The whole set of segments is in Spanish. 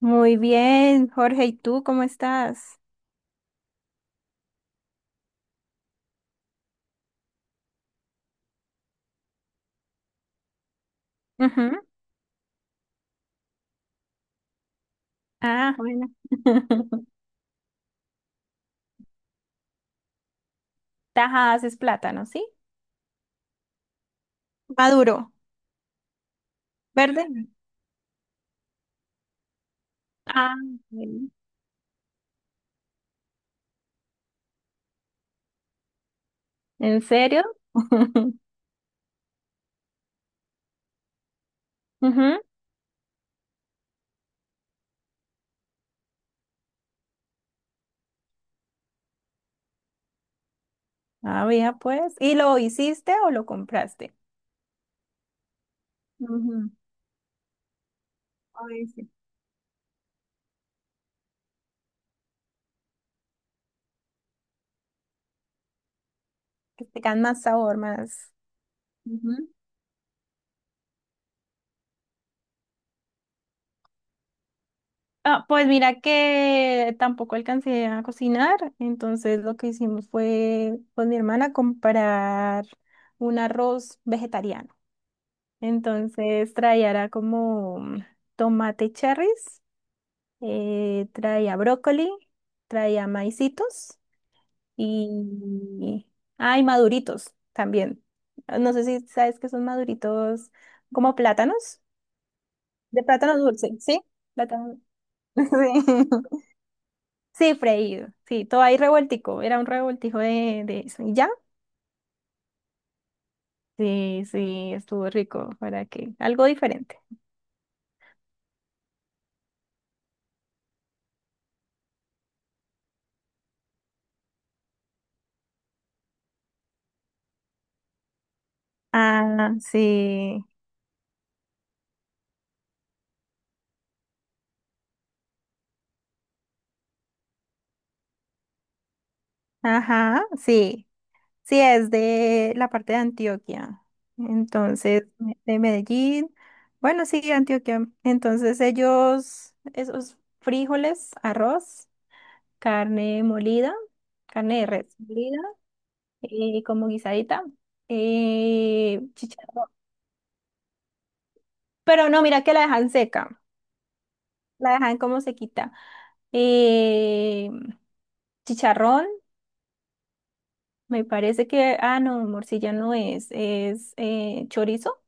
Muy bien, Jorge, ¿y tú cómo estás? Ujú. Ah, bueno. Tajas es plátano, ¿sí? Maduro, verde. Ah, bueno. ¿En serio? Ujú. Ah, mira, pues. ¿Y lo hiciste o lo compraste? Ujú, ay, sí. Que tengan más sabor, más. Ujú. Ah, pues mira que tampoco alcancé a cocinar, entonces lo que hicimos fue con mi hermana comprar un arroz vegetariano. Entonces traía era como tomate cherries, traía brócoli, traía maicitos y... ah y maduritos también. No sé si sabes que son maduritos como plátanos, de plátano dulce, ¿sí? Plátano. Sí, sí, freído, sí, todo ahí revueltico, era un revoltijo de eso. ¿Y ya? Sí, sí, estuvo rico, para que algo diferente. Ah, sí, ajá, sí. Sí, es de la parte de Antioquia. Entonces, de Medellín. Bueno, sí, Antioquia. Entonces, ellos, esos frijoles, arroz, carne molida, carne de res molida, como guisadita, chicharrón. Pero no, mira que la dejan seca. La dejan como sequita. Eh, chicharrón, me parece que, ah, no, morcilla no es, es chorizo.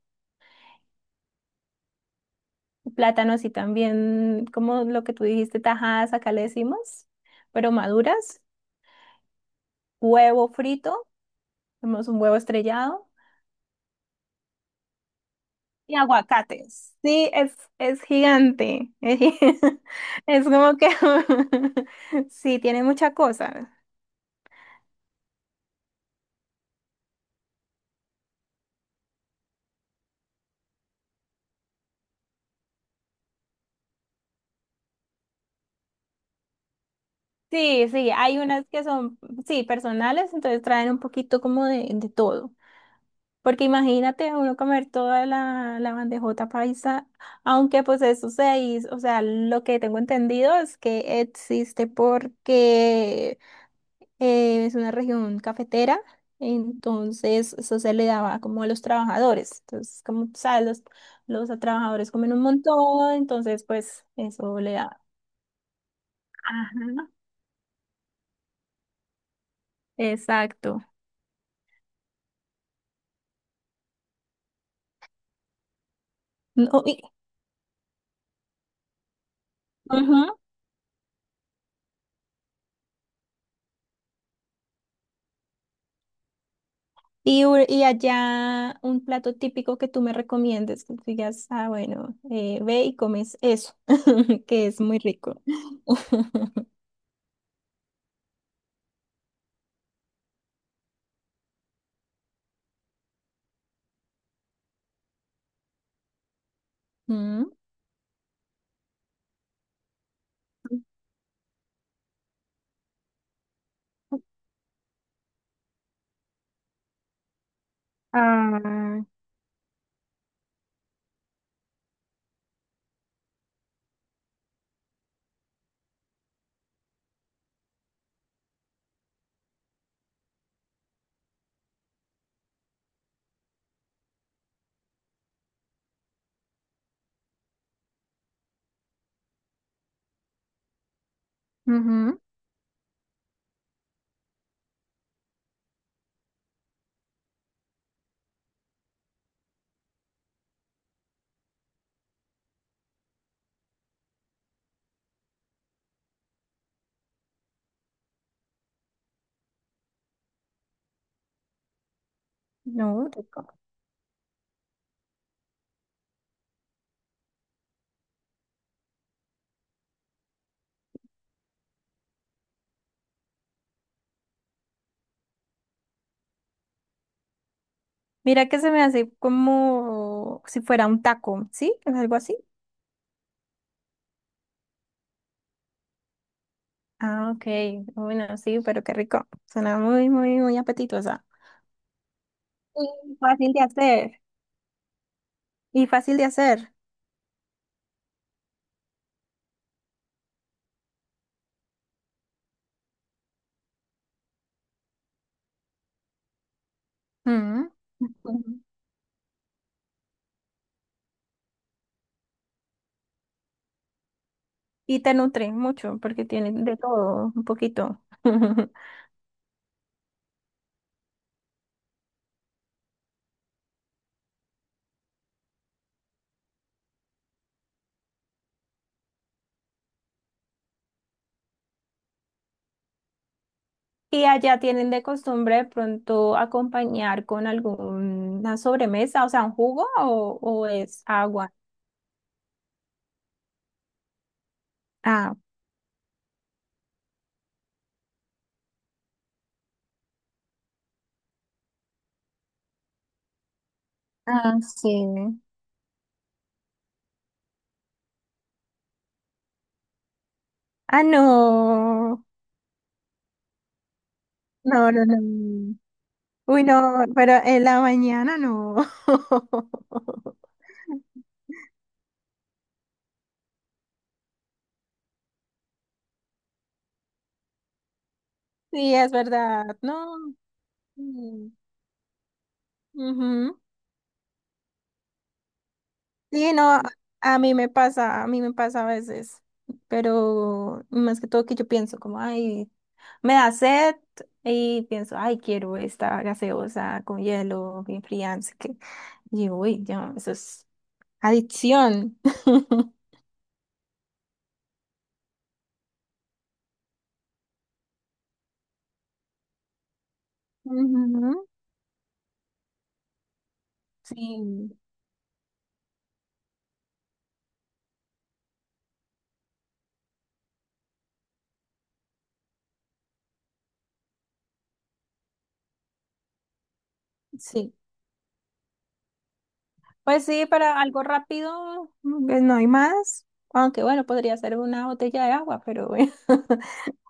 Plátanos y también, como lo que tú dijiste, tajadas, acá le decimos, pero maduras, huevo frito, tenemos un huevo estrellado y aguacates. Sí, es gigante. Es, como que sí, tiene mucha cosa. Sí, sí, hay unas que son, sí, personales, entonces traen un poquito como de todo. Porque imagínate uno comer toda la bandejota paisa, aunque pues eso se hizo, o sea, lo que tengo entendido es que existe porque es una región cafetera, entonces eso se le daba como a los trabajadores, entonces como tú sabes, los trabajadores comen un montón, entonces pues eso le da. Ajá, exacto. No. Ujú. Y allá un plato típico que tú me recomiendes, que digas, ah, bueno, ve y comes eso, que es muy rico. Mm. Ah, ujú. No, rico. Mira que se me hace como si fuera un taco, ¿sí? ¿Es algo así? Ah, ok. Bueno, sí, pero qué rico. Suena muy, muy, muy apetitosa. Y fácil de hacer. Y fácil de hacer. Mm. Y te nutren mucho porque tienen de todo, un poquito. Y allá tienen de costumbre de pronto acompañar con alguna sobremesa, o sea, un jugo o, es agua. Ah, ah, sí. Ah, no. No, no, no. Uy, no, pero en la mañana no. Sí, es verdad. No. Mm, ujú. Sí, no, a mí me pasa, a mí me pasa a veces, pero más que todo que yo pienso como, ay, me da sed y pienso, ay, quiero esta gaseosa con hielo, bien fría, no sé qué. Y yo, uy, ya, eso es adicción. Ujú, sí, sí. Pues sí, para algo rápido, pues no hay más, aunque bueno, podría ser una botella de agua, pero bueno.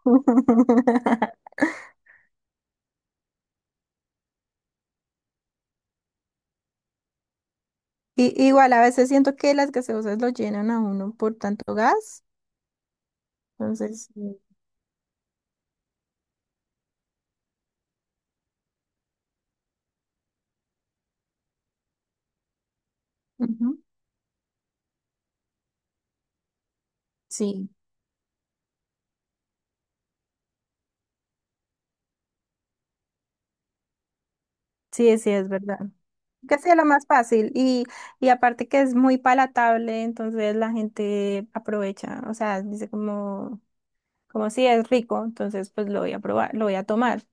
Y, igual a veces siento que las gaseosas lo llenan a uno por tanto gas. Entonces, sí, ujú, sí, sí, sí, es verdad. Que sea lo más fácil y, aparte que es muy palatable, entonces la gente aprovecha, o sea, dice como si es rico, entonces pues lo voy a probar, lo voy a tomar.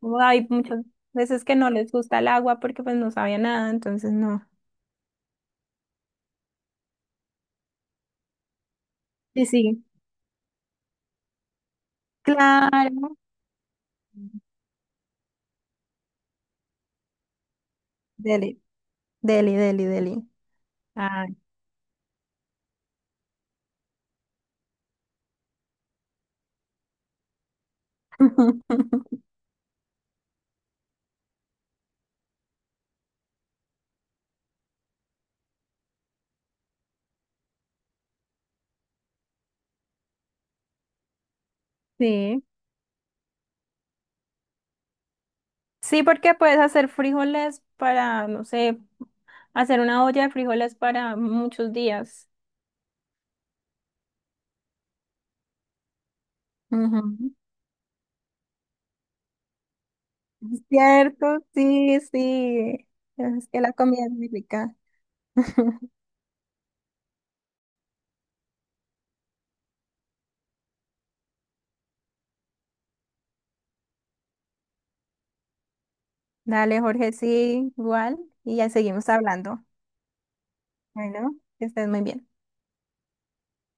Como hay muchas veces que no les gusta el agua porque pues no sabía nada, entonces no. Sí, sí, claro. Deli, deli, deli, deli. Ay. Sí. Sí, porque puedes hacer frijoles para, no sé, hacer una olla de frijoles para muchos días. Ujú. Es cierto, sí, sí. Es que la comida es muy rica. Dale, Jorge, sí, igual. Y ya seguimos hablando. Bueno, que estés muy bien.